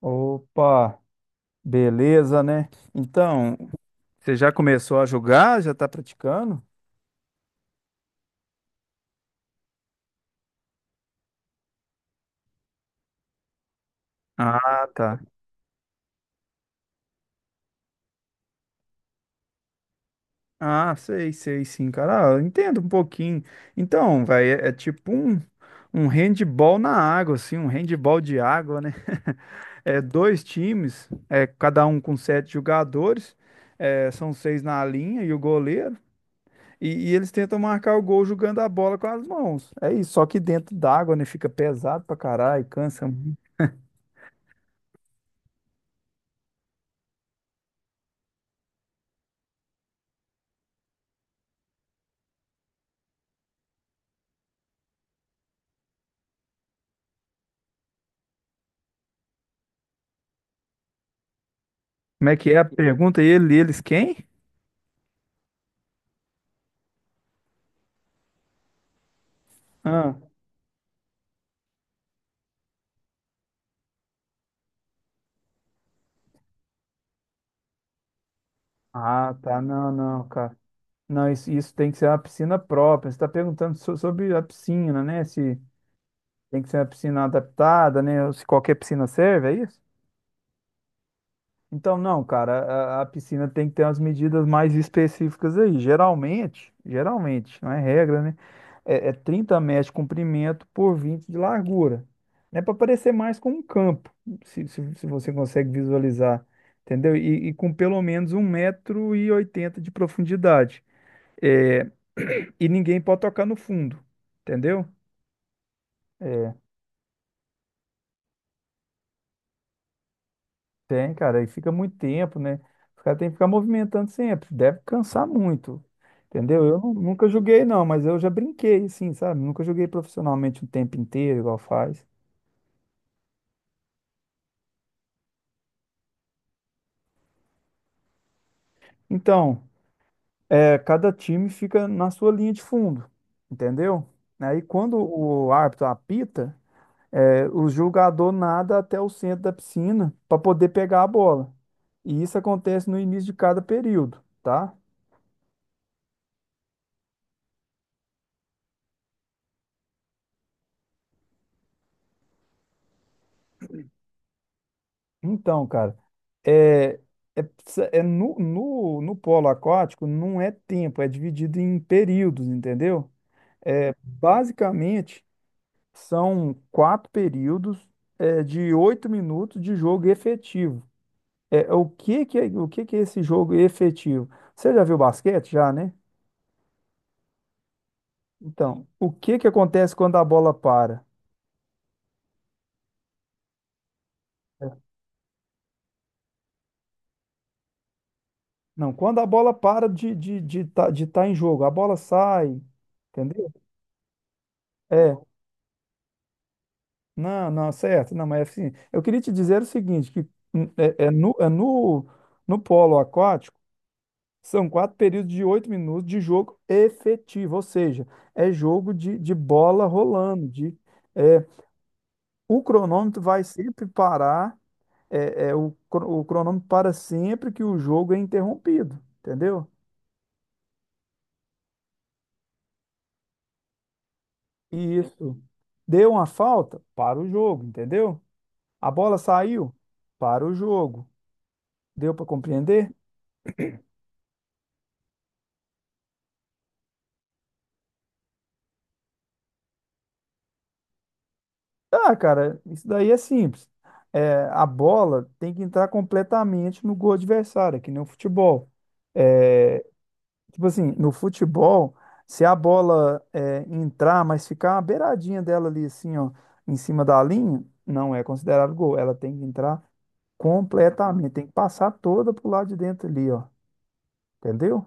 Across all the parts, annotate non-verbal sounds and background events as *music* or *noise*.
Opa, beleza, né? Então, você já começou a jogar? Já tá praticando? Ah, tá. Ah, sei, sei, sim, cara. Ah, eu entendo um pouquinho. Então, vai, é tipo um handball na água, assim, um handball de água, né? *laughs* É dois times, cada um com sete jogadores, são seis na linha e o goleiro. E eles tentam marcar o gol jogando a bola com as mãos. É isso, só que dentro d'água, né? Fica pesado pra caralho, cansa. Como é que é a pergunta? Eles quem? Ah, ah, tá, não, não, cara. Não, isso tem que ser uma piscina própria. Você está perguntando sobre a piscina, né? Se tem que ser uma piscina adaptada, né? Ou se qualquer piscina serve, é isso? Então, não, cara, a piscina tem que ter umas medidas mais específicas aí. Geralmente, geralmente, não é regra, né? É 30 metros de comprimento por 20 de largura. É para parecer mais com um campo, se você consegue visualizar, entendeu? E com pelo menos 1,80 m de profundidade. É, *clears throat* e ninguém pode tocar no fundo, entendeu? É, tem, cara, e fica muito tempo, né? Os caras têm que ficar movimentando sempre, deve cansar muito, entendeu? Eu nunca joguei, não, mas eu já brinquei, assim, sabe? Nunca joguei profissionalmente o tempo inteiro, igual faz. Então, cada time fica na sua linha de fundo, entendeu? Aí, quando o árbitro apita, o jogador nada até o centro da piscina para poder pegar a bola. E isso acontece no início de cada período, tá? Então, cara, é, no polo aquático não é tempo, é dividido em períodos, entendeu? É, basicamente, são quatro períodos, de 8 minutos de jogo efetivo. É, o que que é esse jogo efetivo? Você já viu basquete? Já, né? Então, o que que acontece quando a bola para? Não, quando a bola para de estar de tá em jogo, a bola sai, entendeu? É, não, não, certo. Não, mas assim, eu queria te dizer o seguinte, que hum, é, é no, é no, no polo aquático, são quatro períodos de 8 minutos de jogo efetivo, ou seja, é jogo de bola rolando, é, o cronômetro vai sempre parar, o cronômetro para sempre que o jogo é interrompido, entendeu? E isso. Deu uma falta? Para o jogo, entendeu? A bola saiu? Para o jogo. Deu para compreender? Ah, cara, isso daí é simples. É, a bola tem que entrar completamente no gol adversário, é que nem o futebol. Tipo assim, no futebol, se a bola entrar, mas ficar uma beiradinha dela ali, assim, ó, em cima da linha, não é considerado gol. Ela tem que entrar completamente, tem que passar toda pro lado de dentro ali, ó. Entendeu?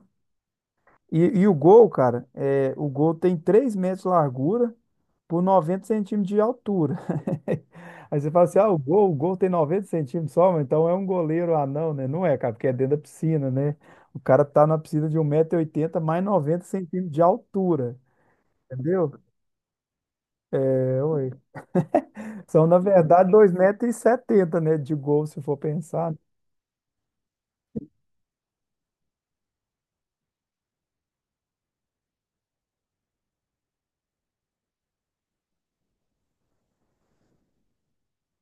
E o gol, cara, o gol tem 3 metros de largura por 90 centímetros de altura. *laughs* Aí você fala assim, ah, o gol tem 90 centímetros só, mas então é um goleiro anão, né? Não é, cara, porque é dentro da piscina, né? O cara tá na piscina de 1,80 m mais 90 centímetros de altura, entendeu? É, ué. São, na verdade, 2,70 m, né, de gol, se for pensar.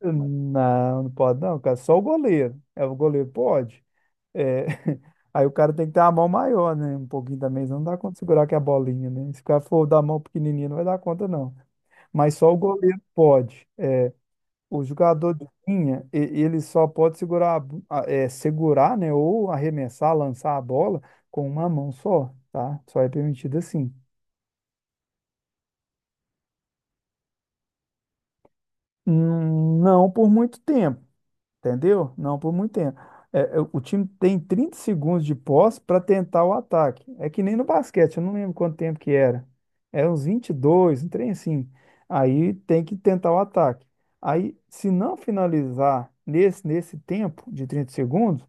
Não, não pode não, cara. Só o goleiro. É, o goleiro pode. É, *laughs* Aí o cara tem que ter a mão maior, né? Um pouquinho também. Não dá conta de segurar que a bolinha, né? Se o cara for da mão pequenininha, não vai dar conta, não. Mas só o goleiro pode. O jogador de linha, ele só pode segurar, a bo- a- é, segurar, né? Ou arremessar, lançar a bola com uma mão só, tá? Só é permitido assim. Não por muito tempo. Entendeu? Não por muito tempo. É, o time tem 30 segundos de posse para tentar o ataque. É que nem no basquete, eu não lembro quanto tempo que era. Era uns 22, um trem assim. Aí tem que tentar o ataque. Aí, se não finalizar nesse tempo de 30 segundos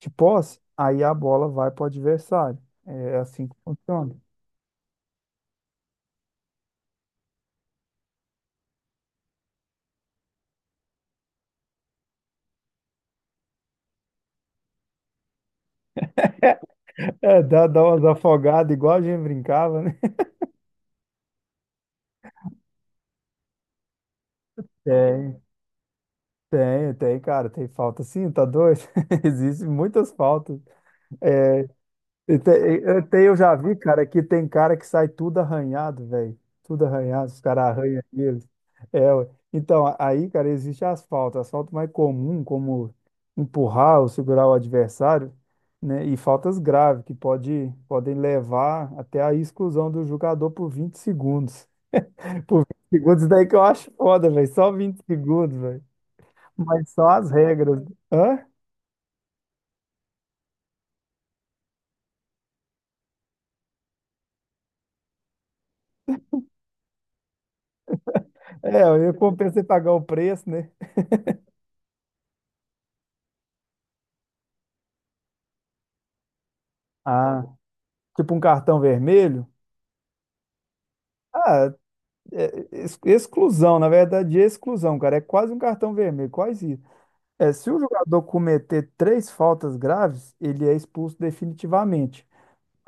de posse, aí a bola vai para o adversário. É assim que funciona. É, dá umas afogadas, igual a gente brincava, né? Tem, Tem, cara, tem falta sim, tá doido? *laughs* Existem muitas faltas. E te- Até eu já vi, cara, que tem cara que sai tudo arranhado, velho. Tudo arranhado, os caras arranham eles. É, ué. Então, aí, cara, existe asfalto. Asfalto mais comum, como empurrar ou segurar o adversário, né? E faltas graves, que podem levar até a exclusão do jogador por 20 segundos. *laughs* Por 20 segundos, daí que eu acho foda, velho. Só 20 segundos, velho. Mas só as regras. Hã? É, eu compensa você pagar o preço, né? Ah, tipo um cartão vermelho? Ah, exclusão, na verdade, é exclusão, cara. É quase um cartão vermelho, quase isso. É, se o jogador cometer três faltas graves, ele é expulso definitivamente.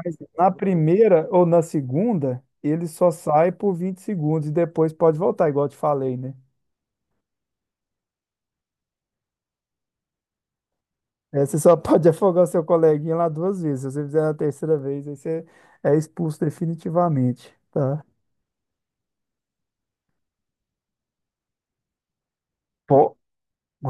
Mas na primeira ou na segunda, ele só sai por 20 segundos e depois pode voltar, igual eu te falei, né? É, você só pode *laughs* afogar o seu coleguinha lá duas vezes. Se você fizer na terceira vez, aí você é expulso definitivamente, tá? Po-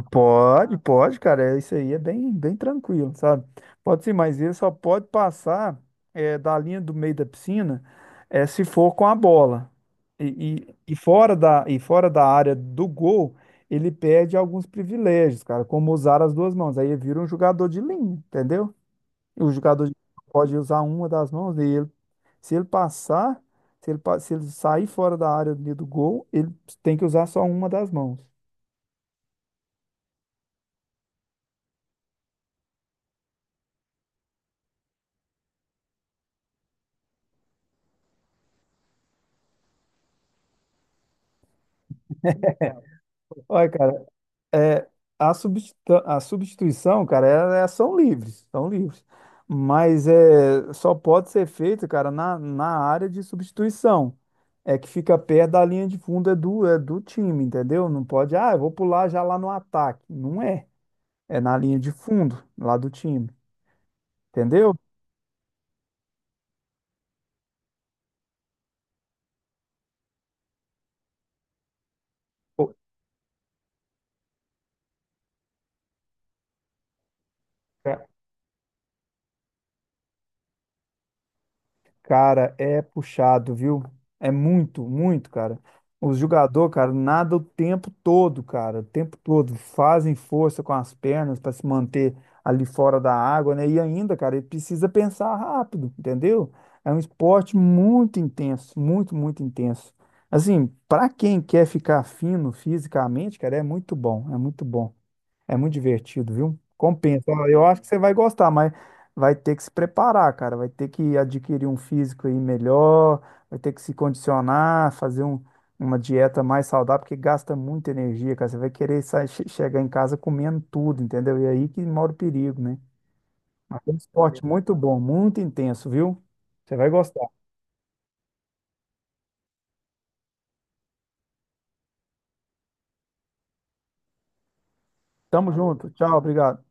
Pode, pode, cara. Isso aí é bem, bem tranquilo, sabe? Pode sim, mas ele só pode passar da linha do meio da piscina, se for com a bola. E fora da área do gol, ele perde alguns privilégios, cara, como usar as duas mãos. Aí ele vira um jogador de linha, entendeu? O jogador de pode usar uma das mãos dele. Se ele passar, se ele sair fora da área do gol, ele tem que usar só uma das mãos. Olha, cara. É, a substituição, cara, são livres, são livres. Mas é, só pode ser feito, cara, na área de substituição. É que fica perto da linha de fundo é do time, entendeu? Não pode, ah, eu vou pular já lá no ataque. Não é. É na linha de fundo, lá do time, entendeu? Cara, é puxado, viu? É muito, muito, cara. Os jogadores, cara, nadam o tempo todo, cara, o tempo todo. Fazem força com as pernas para se manter ali fora da água, né? E ainda, cara, ele precisa pensar rápido, entendeu? É um esporte muito intenso, muito, muito intenso. Assim, para quem quer ficar fino fisicamente, cara, é muito bom, é muito bom. É muito divertido, viu? Compensa. Ó, eu acho que você vai gostar, mas vai ter que se preparar, cara. Vai ter que adquirir um físico aí melhor, vai ter que se condicionar, fazer uma dieta mais saudável, porque gasta muita energia, cara. Você vai querer sair, chegar em casa comendo tudo, entendeu? E é aí que mora o perigo, né? Mas é um esporte muito bom, muito intenso, viu? Você vai gostar. Tamo junto. Tchau, obrigado.